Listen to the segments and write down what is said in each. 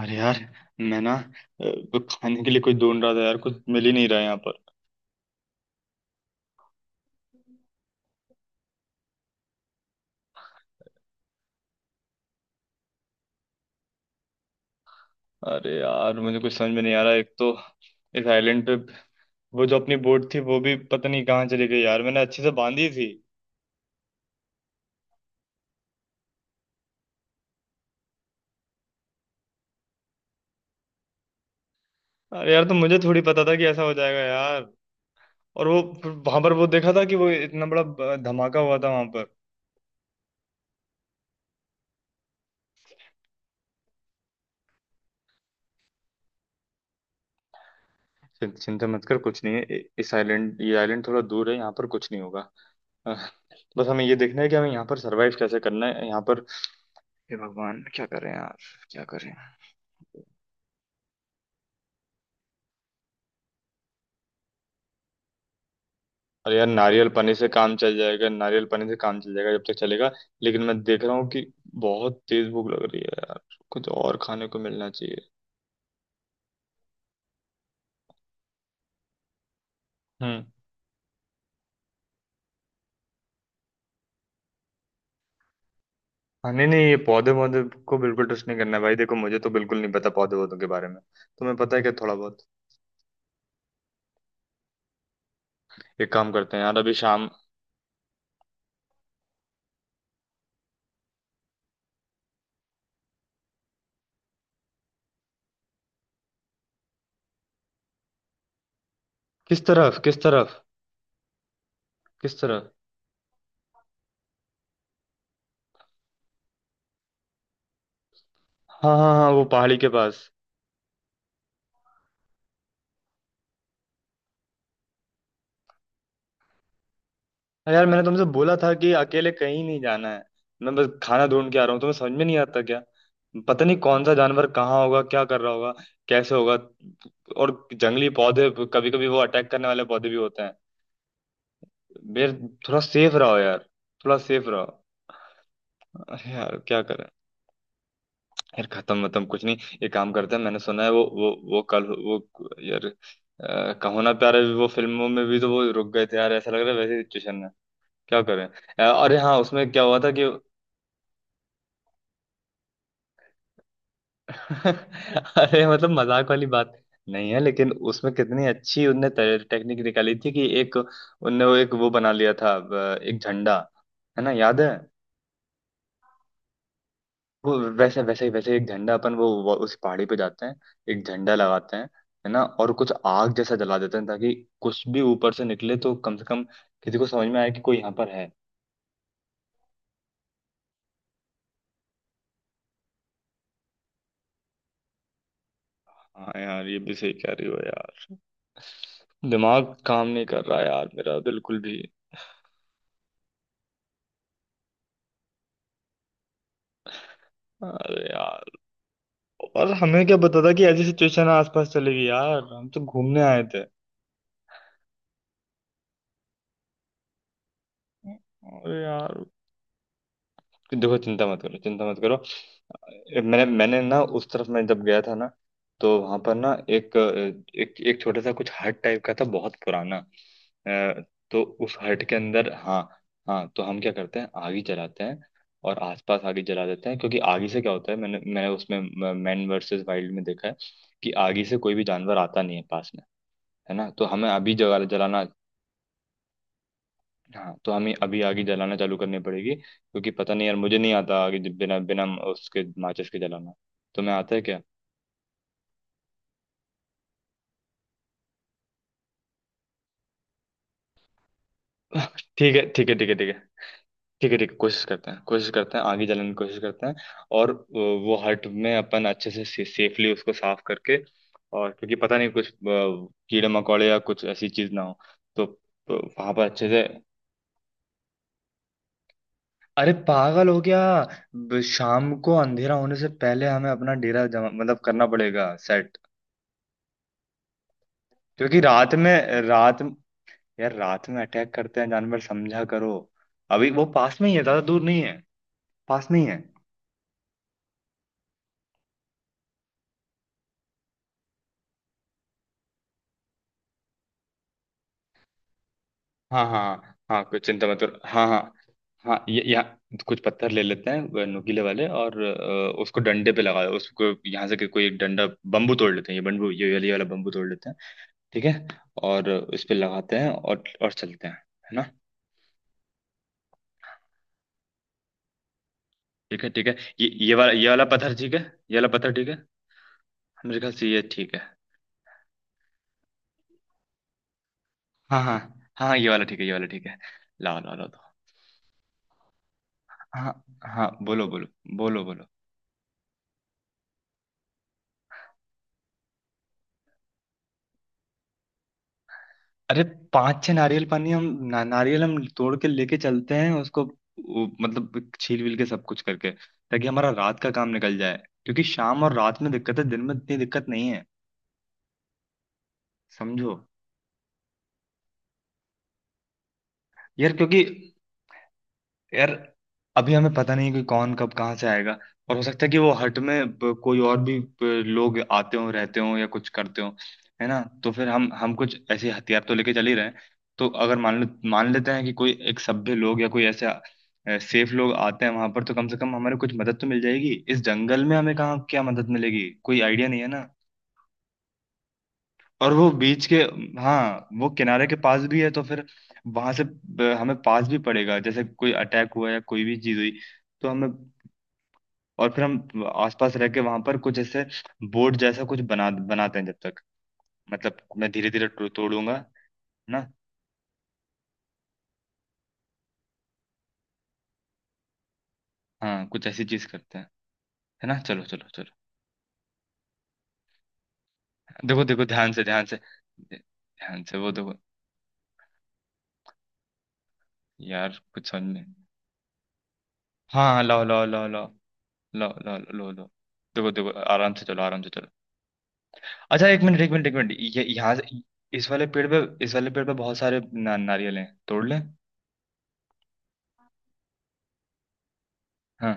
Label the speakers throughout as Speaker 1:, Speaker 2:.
Speaker 1: अरे यार। मैं कुछ खाने के लिए कुछ ढूंढ रहा था यार, कुछ मिल ही नहीं रहा है यहाँ पर। अरे यार, मुझे कुछ समझ में नहीं आ रहा। एक तो इस आइलैंड पे वो जो अपनी बोट थी वो भी पता नहीं कहाँ चली गई यार, मैंने अच्छे से बांधी थी। अरे यार, तो मुझे थोड़ी पता था कि ऐसा हो जाएगा यार। और वो वहां पर वो देखा था कि वो इतना बड़ा धमाका हुआ था वहां पर। चिंता मत कर, कुछ नहीं है। इस आइलैंड, ये आइलैंड थोड़ा दूर है, यहाँ पर कुछ नहीं होगा। अ, बस हमें ये देखना है कि हमें यहाँ पर सरवाइव कैसे करना है यहाँ पर। हे भगवान, क्या करें यार, क्या करें। और यार, नारियल पानी से काम चल जाएगा, नारियल पानी से काम चल जाएगा जब तक चलेगा। लेकिन मैं देख रहा हूँ कि बहुत तेज भूख लग रही है यार, कुछ और खाने को मिलना चाहिए। हम्म। हाँ, नहीं नहीं, ये पौधे पौधे को बिल्कुल टच नहीं करना है भाई। देखो, मुझे तो बिल्कुल नहीं पता पौधे पौधों के बारे में, तुम्हें पता है क्या थोड़ा बहुत? एक काम करते हैं यार, अभी शाम। किस तरफ? किस तरफ? किस तरफ? हाँ हाँ हाँ, वो पहाड़ी के पास। हाँ यार, मैंने तुमसे बोला था कि अकेले कहीं नहीं जाना है। मैं बस खाना ढूंढ के आ रहा हूँ, तुम्हें समझ में नहीं आता क्या? पता नहीं कौन सा जानवर कहाँ होगा, क्या कर रहा होगा, कैसे होगा। और जंगली पौधे कभी कभी वो अटैक करने वाले पौधे भी होते हैं यार। थोड़ा सेफ रहो यार, थोड़ा सेफ रहो। यार क्या करें। यार खत्म मतलब कुछ नहीं। ये काम करते हैं। मैंने सुना है वो कल वो, यार कहो ना प्यारे भी, वो फिल्मों में भी तो वो रुक गए थे यार, ऐसा लग रहा है वैसी सिचुएशन है। क्या करें। अरे हाँ, उसमें क्या हुआ था कि अरे मतलब मजाक वाली बात नहीं है, लेकिन उसमें कितनी अच्छी उनने टेक्निक निकाली थी कि एक उनने वो एक वो बना लिया था एक झंडा, है ना, याद है? वो वैसे वैसे ही वैसे एक झंडा अपन वो उस पहाड़ी पे जाते हैं, एक झंडा लगाते हैं है ना, और कुछ आग जैसा जला देते हैं ताकि कुछ भी ऊपर से निकले तो कम से कम किसी को समझ में आए कि कोई यहाँ पर है। हाँ यार, ये भी सही कह रही हो यार, दिमाग काम नहीं कर रहा यार मेरा बिल्कुल भी। अरे यार, और हमें क्या पता था कि ऐसी सिचुएशन आसपास चलेगी यार, हम तो घूमने आए थे। अरे यार, देखो, चिंता मत करो, चिंता मत करो। मैंने मैंने ना उस तरफ मैं जब गया था ना, तो वहां पर ना एक एक एक छोटा सा कुछ हट टाइप का था, बहुत पुराना, अ, तो उस हट के अंदर, हाँ। हाँ, तो हम क्या करते हैं, आग ही जलाते हैं और आसपास आग ही जला देते हैं, क्योंकि आग ही से क्या होता है, मैंने मैंने उसमें मैन वर्सेस वाइल्ड में देखा है कि आग ही से कोई भी जानवर आता नहीं है पास में, है ना। तो हमें अभी जला जलाना, हाँ, तो हमें अभी आगे जलाना चालू करनी पड़ेगी क्योंकि पता नहीं यार, मुझे नहीं आता आगे जब बिना बिना उसके माचिस के जलाना, तुम्हें आता है क्या? ठीक है, ठीक है, ठीक है, ठीक है। ठीक है, ठीक है, कोशिश करते हैं, कोशिश करते हैं, आगे जलाने की कोशिश करते हैं। और वो हट में अपन अच्छे से सेफली उसको साफ करके, और क्योंकि पता नहीं कुछ कीड़े मकोड़े या कुछ ऐसी चीज ना हो, तो वहां पर अच्छे से। अरे पागल हो गया? शाम को अंधेरा होने से पहले हमें अपना डेरा जमा मतलब करना पड़ेगा, सेट। क्योंकि रात में, रात, यार रात में अटैक करते हैं जानवर, समझा करो। अभी वो पास में ही है, ज्यादा दूर नहीं है, पास में ही है। हाँ हाँ हाँ, कुछ चिंता मत करो, हाँ हाँ। हाँ, ये यहाँ कुछ पत्थर ले लेते हैं, वो नुकीले वाले, और उसको डंडे पे लगा दो। उसको यहाँ से कोई एक डंडा बम्बू तोड़ लेते हैं, ये बम्बू, ये वाली वाला बम्बू तोड़ लेते हैं। ठीक है। और उस पे लगाते हैं और चलते हैं है ना। ठीक है, ठीक है। ये वाला ये वाला पत्थर ठीक है, ये वाला पत्थर ठीक है, मेरे ख्याल से ये ठीक है। हाँ हाँ हाँ हाँ, ये वाला ठीक है, ये वाला ठीक है। लाओ लाओ लाओ, दो। हाँ। हाँ बोलो बोलो, बोलो बोलो। अरे पांच छह नारियल पानी हम ना, नारियल हम तोड़ के लेके चलते हैं, उसको वो, मतलब छील विल के सब कुछ करके, ताकि हमारा रात का काम निकल जाए, क्योंकि शाम और रात में दिक्कत है, दिन में इतनी दिक्कत नहीं है, समझो। यार क्योंकि, यार अभी हमें पता नहीं है कि कौन कब कहाँ से आएगा, और हो सकता है कि वो हट में कोई और भी लोग आते हों, रहते हों या कुछ करते हों, है ना। तो फिर हम कुछ ऐसे हथियार तो लेके चल ही रहे हैं, तो अगर मान लेते हैं कि कोई एक सभ्य लोग या कोई ऐसे सेफ लोग आते हैं वहां पर, तो कम से कम हमारे कुछ मदद तो मिल जाएगी, इस जंगल में हमें कहाँ क्या मदद मिलेगी, कोई आइडिया नहीं है ना। और वो बीच के, हाँ वो किनारे के पास भी है तो फिर वहां से हमें पास भी पड़ेगा, जैसे कोई अटैक हुआ या कोई भी चीज हुई तो हमें। और फिर हम आसपास रह के वहां पर कुछ ऐसे बोर्ड जैसा कुछ बनाते हैं जब तक, मतलब मैं धीरे धीरे तोड़ूंगा है ना। हाँ कुछ ऐसी चीज करते हैं है ना, चलो चलो चलो। देखो देखो, ध्यान से ध्यान से, ध्यान से वो देखो। यार कुछ समझ में। हाँ हाँ, लाओ लाओ लाओ लाओ, लाओ लाओ लाओ लाओ। देखो देखो। आराम से चलो, आराम से चलो। अच्छा, एक मिनट, एक मिनट, एक मिनट। ये यहाँ से- इस वाले पेड़ पे, इस वाले पेड़ पे बहुत सारे ना, नारियल हैं, तोड़ लें। हाँ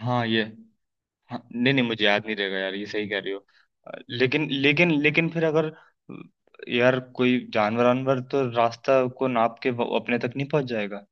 Speaker 1: हाँ, ये हाँ, नहीं नहीं, मुझे याद नहीं रहेगा यार, ये सही कह रही हो। लेकिन लेकिन लेकिन फिर अगर अ, यार कोई जानवर वानवर तो रास्ता को नाप के वो अपने तक नहीं पहुंच जाएगा?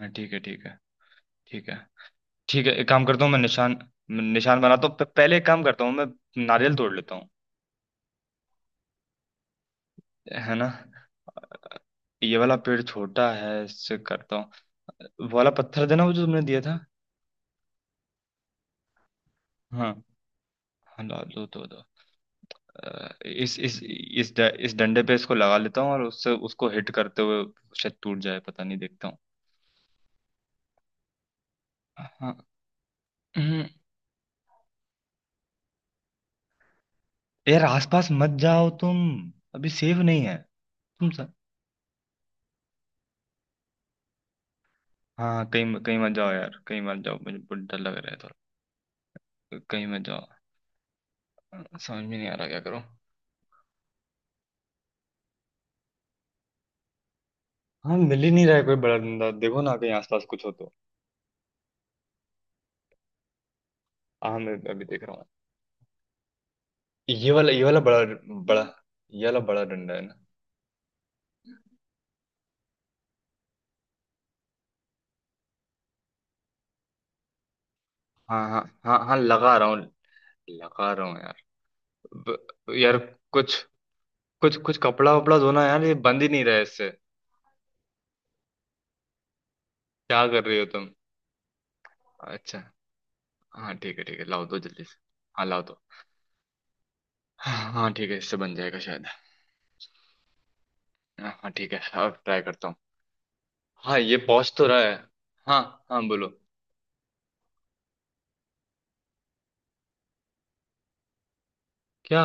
Speaker 1: हाँ ठीक है, ठीक है, ठीक है। ठीक है, एक काम करता हूँ, मैं निशान, निशान बनाता हूँ। पहले एक काम करता हूँ, मैं नारियल तोड़ लेता हूँ है ना। ये वाला पेड़ छोटा है, इससे करता हूँ। वाला पत्थर देना, वो जो तुमने दिया था। हाँ, हाँ लो लो, दो तो, दो। इस इस इस डंडे पे इसको लगा लेता हूँ, और उससे उसको हिट करते हुए शायद टूट जाए, पता नहीं देखता हूँ। हाँ। हम्म। यार आसपास मत जाओ तुम, अभी सेफ नहीं है। तुम सर, हाँ कहीं, कहीं मत जाओ यार, कहीं मत जाओ, मुझे बहुत डर लग रहा है थोड़ा, कहीं मत जाओ, समझ में नहीं आ रहा क्या करो। हाँ मिल ही नहीं रहा है कोई बड़ा डंडा, देखो ना कहीं आसपास कुछ हो तो। हाँ मैं अभी देख रहा हूँ। ये वाला बड़ा, बड़ा, ये वाला बड़ा डंडा है ना। हाँ हाँ हाँ हाँ, लगा रहा हूँ, लगा रहा हूँ यार, यार कुछ कुछ कुछ कपड़ा वपड़ा धोना यार, ये बंद ही नहीं रहा है इससे। क्या कर रही हो तुम? अच्छा। हाँ ठीक है, ठीक है, लाओ दो जल्दी से। हाँ लाओ दो। हाँ ठीक है, इससे बन जाएगा शायद। हाँ हाँ, ठीक है, अब ट्राई करता हूँ। हाँ ये पहुँच तो रहा है। हाँ, हाँ बोलो। क्या?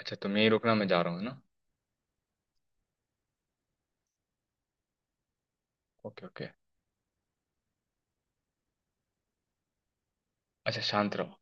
Speaker 1: अच्छा तुम यहीं रुकना, मैं जा रहा हूँ ना। Okay okay. अच्छा, शांत रहो।